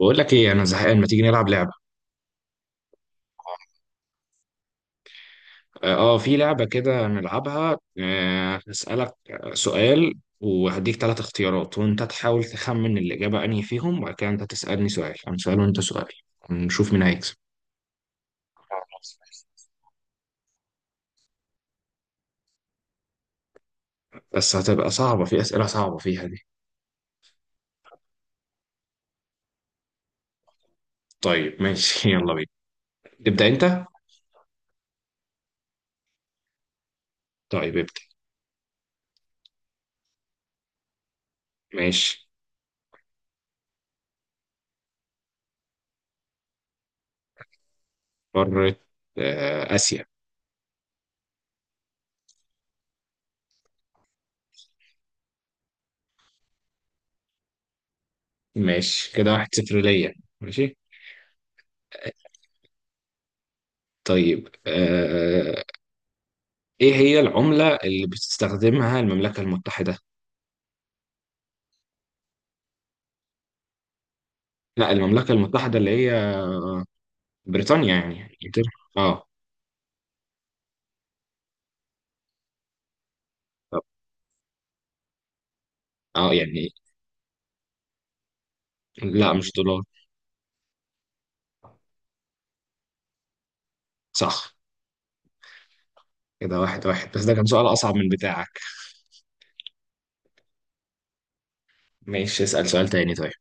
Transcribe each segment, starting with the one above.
بقول لك ايه، انا زهقان. ما تيجي نلعب لعبه؟ في لعبه كده نلعبها. هسألك سؤال وهديك ثلاث اختيارات، وانت تحاول تخمن الاجابه انهي فيهم، وبعد كده انت تسألني سؤال، انا سؤال وانت سؤال. نشوف مين هيكسب. بس هتبقى صعبه، في اسئله صعبه فيها دي. طيب ماشي يلا بينا، تبدأ انت. طيب ابدأ. ماشي. قارة؟ آه، آسيا. ماشي كده واحد صفر ليا. ماشي. طيب ايه هي العملة اللي بتستخدمها المملكة المتحدة؟ لا، المملكة المتحدة اللي هي بريطانيا، يعني انجلترا، اه. طب اه، يعني لا مش دولار. صح. كده واحد واحد، بس ده كان سؤال أصعب من بتاعك. ماشي اسأل سؤال تاني طيب.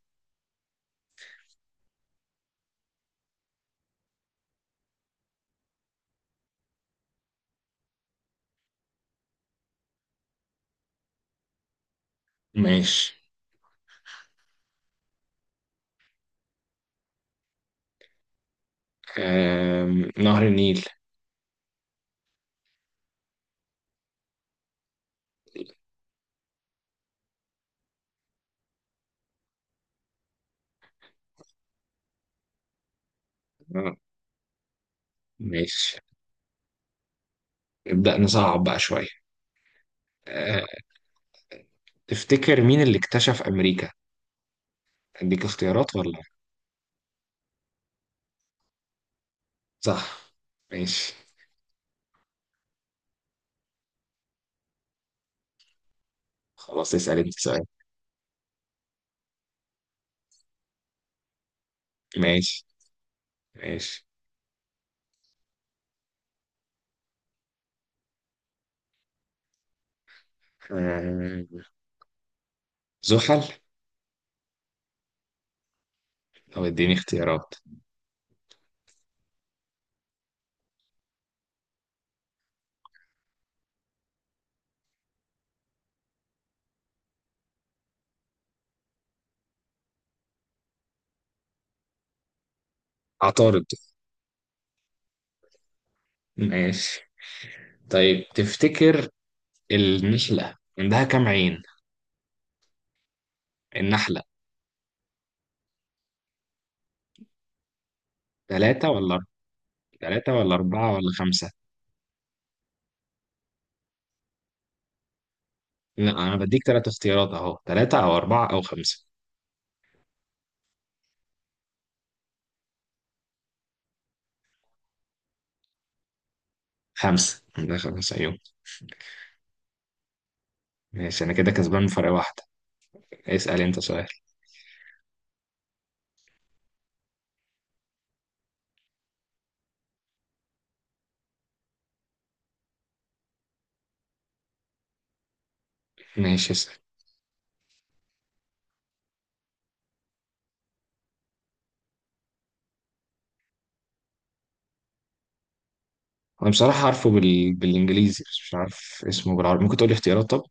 ماشي. نهر النيل. آه، ماشي، نبدأ نصعب بقى شوية. آه... تفتكر مين اللي اكتشف أمريكا؟ أديك اختيارات ولا؟ صح. ماشي، خلاص اسأل انت سؤال. ماشي. ماشي. آم... زحل. طب اديني اختيارات. عطارد. ماشي. طيب تفتكر النحلة عندها كام عين؟ النحلة. ثلاثة ولا أربعة؟ ثلاثة ولا أربعة ولا خمسة؟ لا أنا بديك ثلاث اختيارات أهو، ثلاثة أو أربعة أو خمسة. خمسة، عندها خمسة عيون. ماشي أنا كده كسبان بفرق واحدة. اسأل أنت سؤال. ماشي اسأل. أنا بصراحة عارفه بالإنجليزي بس مش عارف اسمه بالعربي، ممكن تقولي اختيارات طب.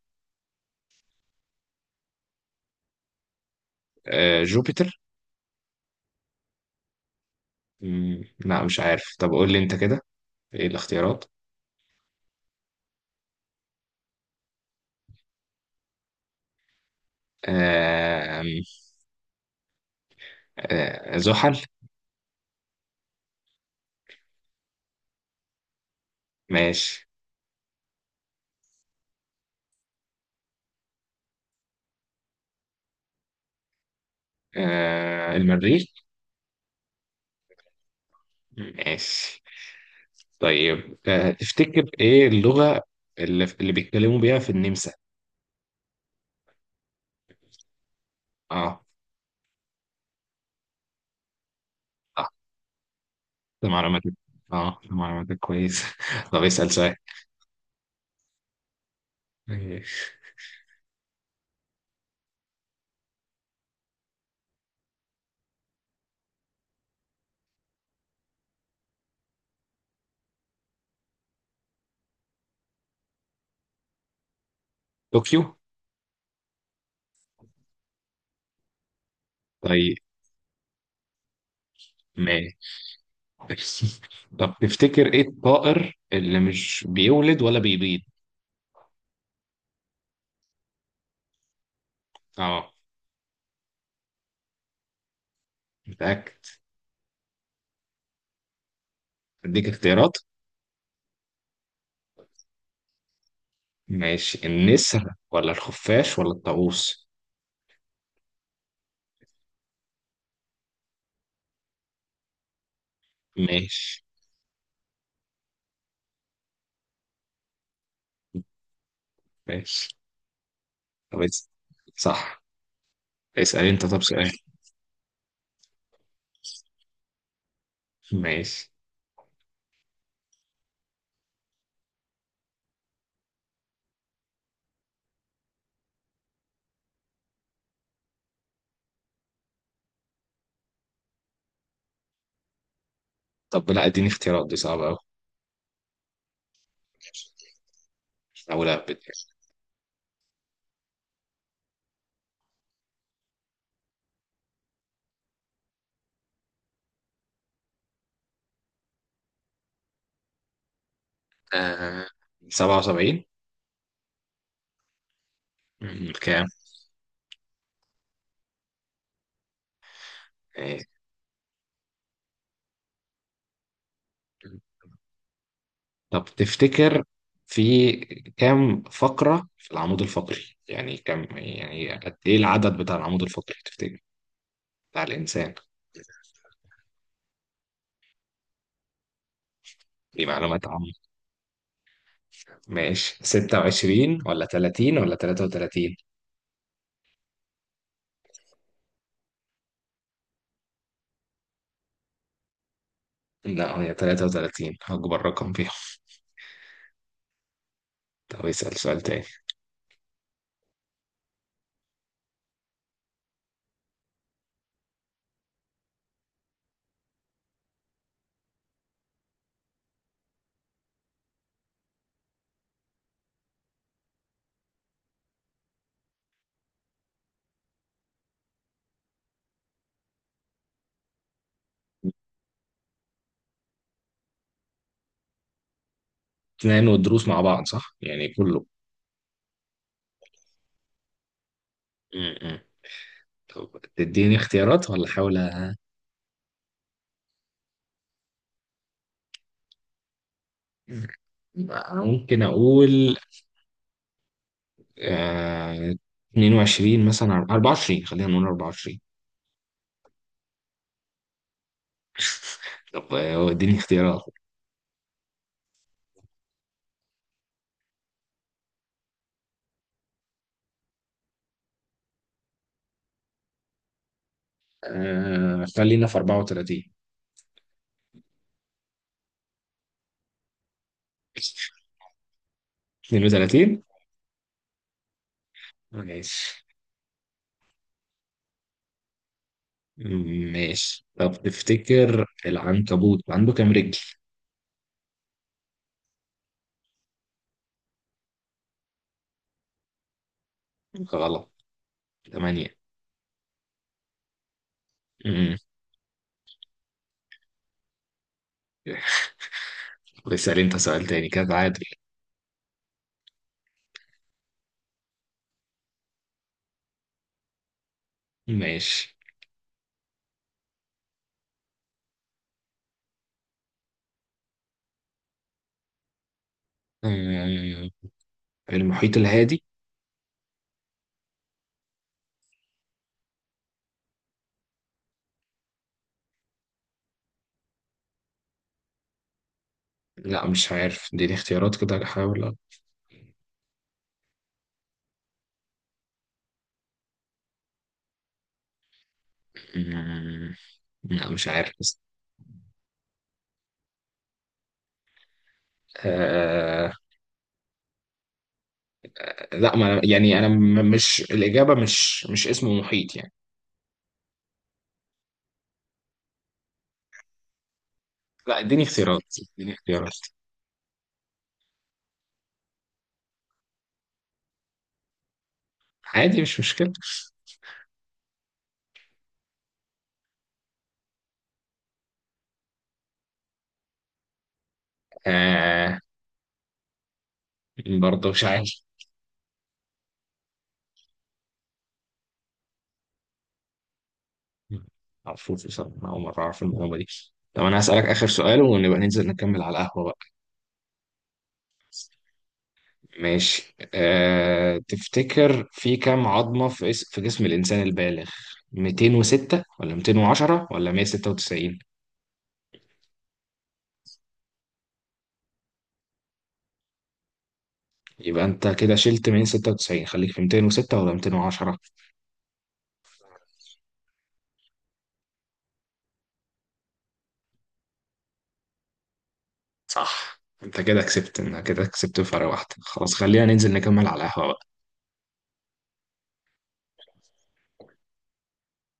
آه جوبيتر. لا مش عارف، طب قول لي أنت كده إيه الاختيارات؟ آه، زحل. ماشي. آه، المريخ. ماشي. طيب تفتكر ايه اللغة اللي بيتكلموا بيها في النمسا؟ اه. اه ده معلوماتك. اه ده معلوماتك كويسة. طب اسأل سؤال. ماشي. طوكيو. طيب ماشي. طب تفتكر ايه الطائر اللي مش بيولد ولا بيبيض؟ اه. متأكد. اديك اختيارات. ماشي، النسر ولا الخفاش ولا الطاووس. ماشي. ماشي. طب اس- صح. اسأل انت طب سؤال. ماشي. طب لا اديني اختيارات دي صعبة أوي. أول أهبد. آه سبعة وسبعين. كام؟ آه. طب تفتكر في كام فقرة في العمود الفقري؟ يعني كم، يعني قد إيه العدد بتاع العمود الفقري تفتكر؟ بتاع الإنسان. دي معلومات عامة. ماشي، 26 ولا 30 ولا 33. لا هي 33 أكبر رقم فيهم. طب اسأل سؤال تاني. اثنين والدروس مع بعض صح يعني كله. امم طب تديني اختيارات ولا احاول ممكن اقول آه 22 مثلا 24، خلينا نقول 24. طب اديني اختيارات. آه خلينا في 34. 32. ماشي. ماشي طب تفتكر العنكبوت عنده كام رجل؟ غلط. 8. امم بس اسأل انت سؤال تاني كده عادل. ماشي. آه، المحيط الهادي. لا مش عارف اديني اختيارات كده احاول مم، لا مش عارف بس. آه لا، ما يعني انا مش الاجابه، مش اسمه محيط يعني. لا اديني اختيارات، اديني اختيارات. عادي مش مشكله. آه. برضه مش عارف. معرفوش بصراحه، اول مره اعرف المعلومه دي. طب انا هسالك اخر سؤال ونبقى ننزل نكمل على القهوه بقى. ماشي تفتكر في كام عظمة في في جسم الإنسان البالغ؟ 206 ولا 210 ولا 196. يبقى انت كده شلت 196، خليك في 206 ولا 210. صح، انت كده كسبت، انت كده كسبت بفرق واحدة. خلاص خلينا ننزل نكمل على القهوة بقى.